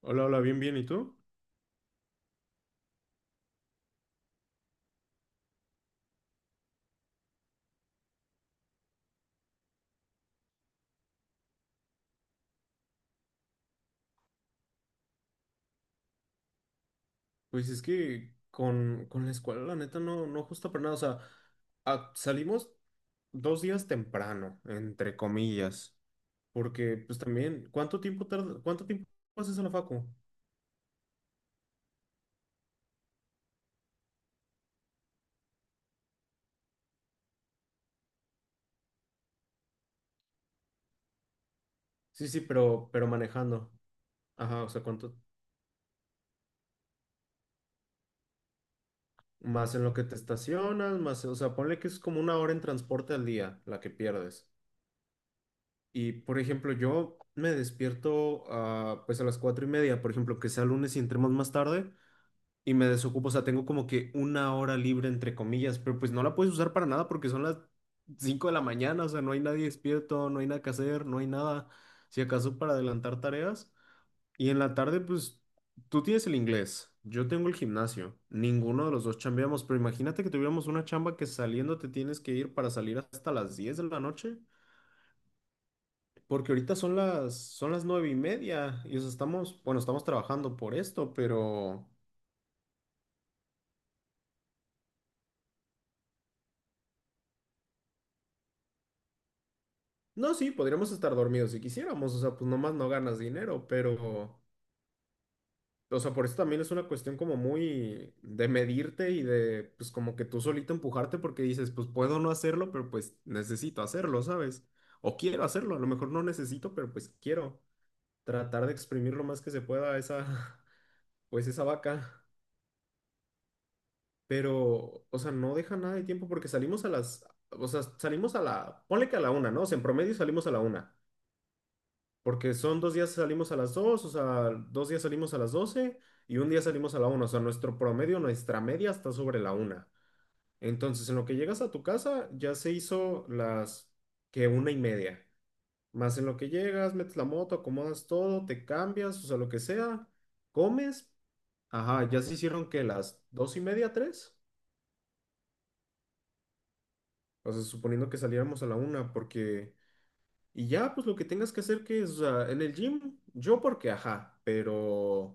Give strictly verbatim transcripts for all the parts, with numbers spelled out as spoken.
Hola, hola, bien, bien. ¿Y tú? Pues es que con, con la escuela, la neta, no, no justo para nada. O sea, a- salimos dos días temprano, entre comillas. Porque, pues también, ¿cuánto tiempo tarda, cuánto tiempo haces a la facu? Sí, sí, pero, pero manejando. Ajá, o sea, ¿cuánto? Más en lo que te estacionas, más, o sea, ponle que es como una hora en transporte al día la que pierdes. Y, por ejemplo, yo me despierto ah, pues a las cuatro y media, por ejemplo, que sea lunes y entremos más tarde. Y me desocupo, o sea, tengo como que una hora libre entre comillas, pero pues no la puedes usar para nada porque son las cinco de la mañana, o sea, no hay nadie despierto, no hay nada que hacer, no hay nada, si acaso para adelantar tareas. Y en la tarde, pues tú tienes el inglés, yo tengo el gimnasio, ninguno de los dos chambeamos, pero imagínate que tuviéramos una chamba que saliendo te tienes que ir para salir hasta las diez de la noche. Porque ahorita son las, son las nueve y media y, o sea, estamos, bueno, estamos trabajando por esto, pero... No, sí, podríamos estar dormidos si quisiéramos, o sea, pues nomás no ganas dinero, pero, o sea, por eso también es una cuestión como muy de medirte y de, pues como que tú solito empujarte porque dices, pues puedo no hacerlo, pero pues necesito hacerlo, ¿sabes? O quiero hacerlo, a lo mejor no necesito, pero pues quiero tratar de exprimir lo más que se pueda esa, pues esa vaca, pero, o sea, no deja nada de tiempo porque salimos a las, o sea, salimos a la, ponle que a la una, ¿no? O sea, en promedio salimos a la una. Porque son dos días salimos a las dos, o sea, dos días salimos a las doce y un día salimos a la una, o sea, nuestro promedio, nuestra media está sobre la una. Entonces, en lo que llegas a tu casa, ya se hizo las que una y media. Más en lo que llegas, metes la moto, acomodas todo, te cambias, o sea, lo que sea, comes. Ajá, ya se hicieron que las dos y media, tres. O sea, suponiendo que saliéramos a la una, porque... Y ya, pues lo que tengas que hacer que es, o sea, en el gym, yo porque, ajá, pero...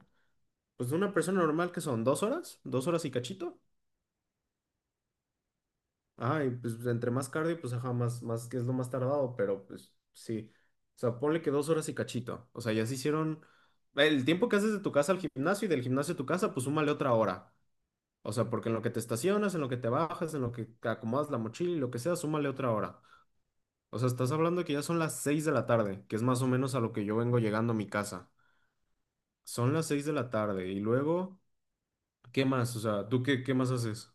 Pues de una persona normal que son dos horas, dos horas y cachito. Ajá, y pues entre más cardio, pues ajá, más, más que es lo más tardado, pero pues sí. O sea, ponle que dos horas y cachito. O sea, ya se hicieron. El tiempo que haces de tu casa al gimnasio y del gimnasio a tu casa, pues súmale otra hora. O sea, porque en lo que te estacionas, en lo que te bajas, en lo que te acomodas la mochila y lo que sea, súmale otra hora. O sea, estás hablando que ya son las seis de la tarde, que es más o menos a lo que yo vengo llegando a mi casa. Son las seis de la tarde y luego, ¿qué más? O sea, ¿tú qué, qué más haces?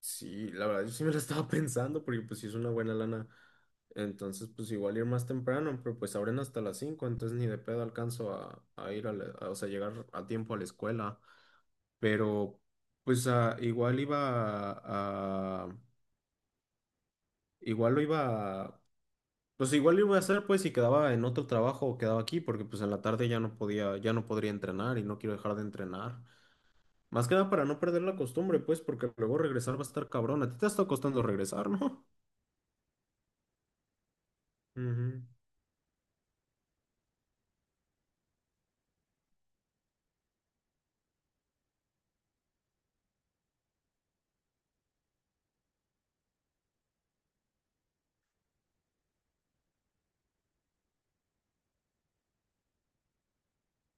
Sí, la verdad, yo sí me la estaba pensando porque pues sí es una buena lana. Entonces, pues igual ir más temprano, pero pues abren hasta las cinco, entonces ni de pedo alcanzo a, a ir a, la- a, o sea, llegar a tiempo a la escuela. Pero pues ah, igual iba a, a- igual lo iba a, pues igual lo iba a hacer pues si quedaba en otro trabajo o quedaba aquí, porque pues en la tarde ya no podía, ya no podría entrenar y no quiero dejar de entrenar. Más que nada para no perder la costumbre, pues, porque luego regresar va a estar cabrón. A ti te está costando regresar, ¿no? Ujú.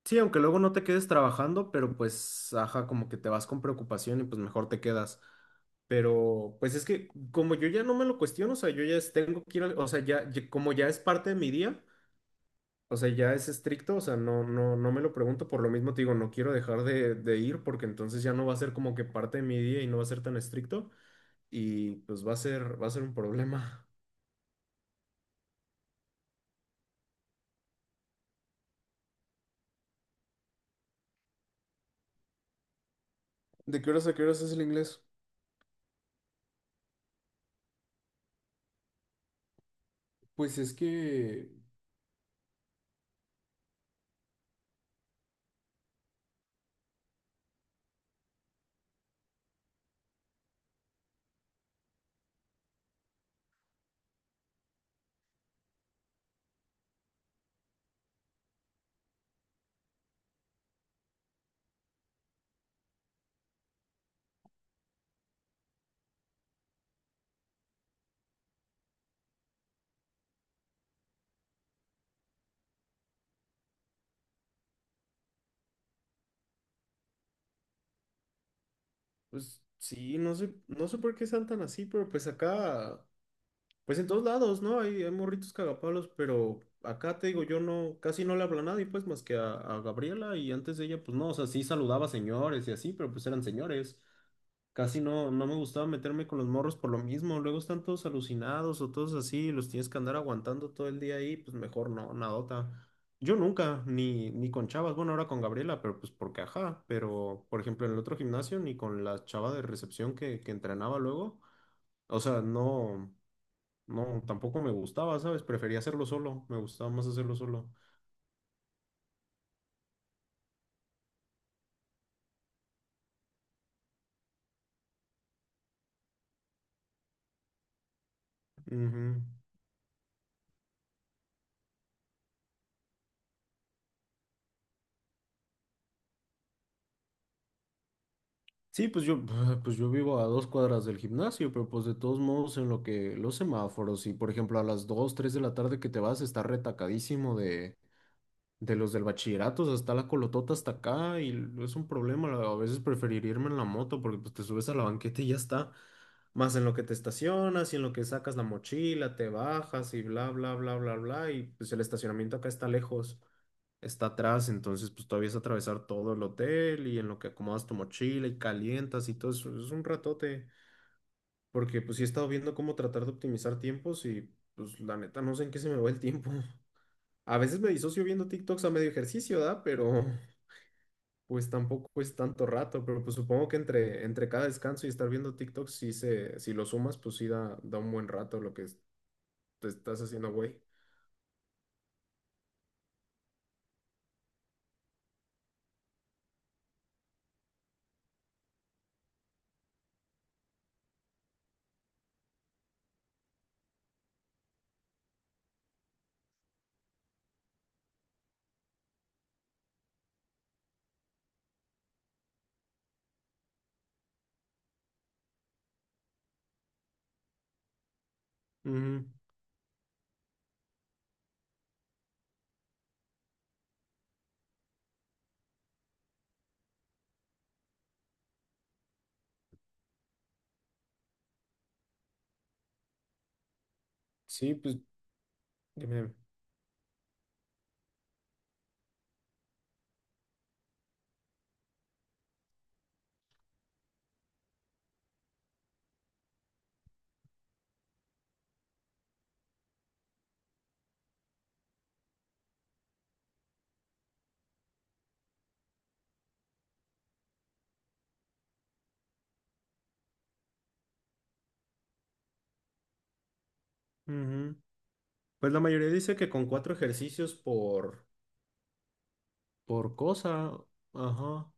Sí, aunque luego no te quedes trabajando, pero pues, ajá, como que te vas con preocupación y pues mejor te quedas. Pero pues es que como yo ya no me lo cuestiono, o sea, yo ya es- tengo que ir, al- o sea, ya, ya- como ya es parte de mi día, o sea, ya es estricto, o sea, no, no, no me lo pregunto, por lo mismo te digo, no quiero dejar de, de ir porque entonces ya no va a ser como que parte de mi día y no va a ser tan estricto y pues va a ser, va a ser un problema. ¿De qué horas a qué horas es el inglés? Pues es que, pues sí, no sé, no sé por qué sean tan así, pero pues acá. Pues en todos lados, ¿no? Hay, hay morritos cagapalos, pero acá te digo, yo no, casi no le hablo a nadie, pues más que a, a Gabriela y antes de ella, pues no, o sea, sí saludaba a señores y así, pero pues eran señores. Casi no, no me gustaba meterme con los morros por lo mismo. Luego están todos alucinados o todos así, los tienes que andar aguantando todo el día ahí, pues mejor no, nadota. Yo nunca, ni, ni con chavas, bueno, ahora con Gabriela, pero pues porque ajá, pero por ejemplo en el otro gimnasio, ni con la chava de recepción que, que entrenaba luego, o sea, no. No, tampoco me gustaba, ¿sabes? Prefería hacerlo solo, me gustaba más hacerlo solo. Ujú. Sí, pues yo, pues yo vivo a dos cuadras del gimnasio, pero pues de todos modos en lo que los semáforos y por ejemplo a las dos, tres de la tarde que te vas está retacadísimo de, de los del bachillerato, o sea, está la colotota hasta acá y l- es un problema, la- a veces preferir irme en la moto porque pues te subes a la banqueta y ya está, más en lo que te estacionas y en lo que sacas la mochila, te bajas y bla, bla, bla, bla, bla, y pues el estacionamiento acá está lejos. Está atrás, entonces pues todavía es atravesar todo el hotel y en lo que acomodas tu mochila y calientas y todo eso, es un ratote, porque pues sí he estado viendo cómo tratar de optimizar tiempos y pues la neta no sé en qué se me va el tiempo. A veces me disocio viendo TikToks a medio ejercicio, ¿da? Pero pues tampoco es tanto rato, pero pues supongo que entre, entre cada descanso y estar viendo TikToks, sí se, si lo sumas, pues sí da, da un buen rato lo que es- te estás haciendo, güey. Ujú. Sí, pues dime. Ujú. Pues la mayoría dice que con cuatro ejercicios por, por cosa. Ajá.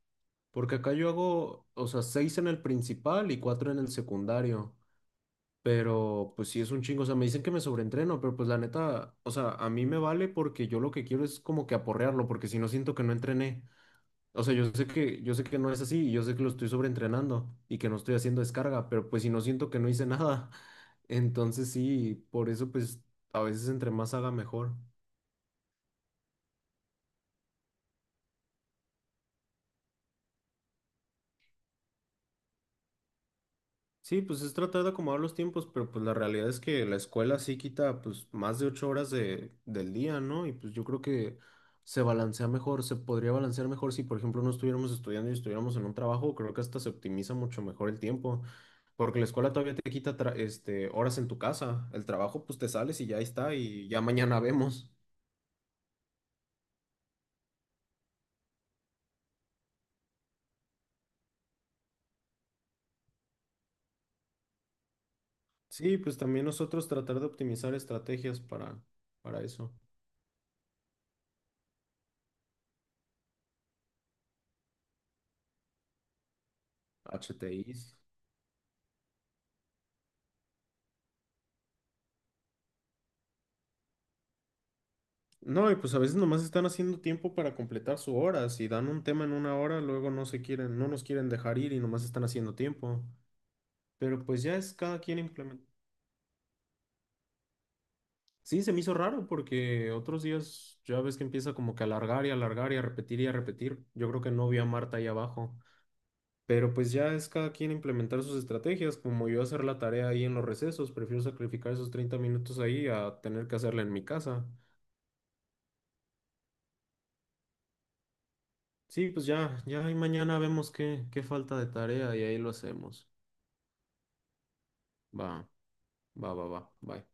Porque acá yo hago, o sea, seis en el principal y cuatro en el secundario. Pero pues sí es un chingo. O sea, me dicen que me sobreentreno, pero pues la neta, o sea, a mí me vale porque yo lo que quiero es como que aporrearlo, porque si no siento que no entrené. O sea, yo sé que, yo sé que no es así, y yo sé que lo estoy sobreentrenando y que no estoy haciendo descarga, pero pues si no siento que no hice nada. Entonces sí, por eso pues a veces entre más haga mejor. Sí, pues es tratar de acomodar los tiempos, pero pues la realidad es que la escuela sí quita pues más de ocho horas de, del día, ¿no? Y pues yo creo que se balancea mejor, se podría balancear mejor si por ejemplo no estuviéramos estudiando y estuviéramos en un trabajo, creo que hasta se optimiza mucho mejor el tiempo, porque la escuela todavía te quita tra- este, horas en tu casa, el trabajo pues te sales y ya está y ya mañana vemos. Sí, pues también nosotros tratar de optimizar estrategias para, para eso. H T Is. No, y pues a veces nomás están haciendo tiempo para completar su hora. Si dan un tema en una hora, luego no se quieren, no nos quieren dejar ir y nomás están haciendo tiempo. Pero pues ya es cada quien implementa. Sí, se me hizo raro porque otros días ya ves que empieza como que a alargar y alargar y a repetir y a repetir. Yo creo que no vi a Marta ahí abajo. Pero pues ya es cada quien implementar sus estrategias, como yo hacer la tarea ahí en los recesos, prefiero sacrificar esos treinta minutos ahí a tener que hacerla en mi casa. Sí, pues ya, ya ahí mañana vemos qué, qué, falta de tarea y ahí lo hacemos. Va, va, va, va, bye.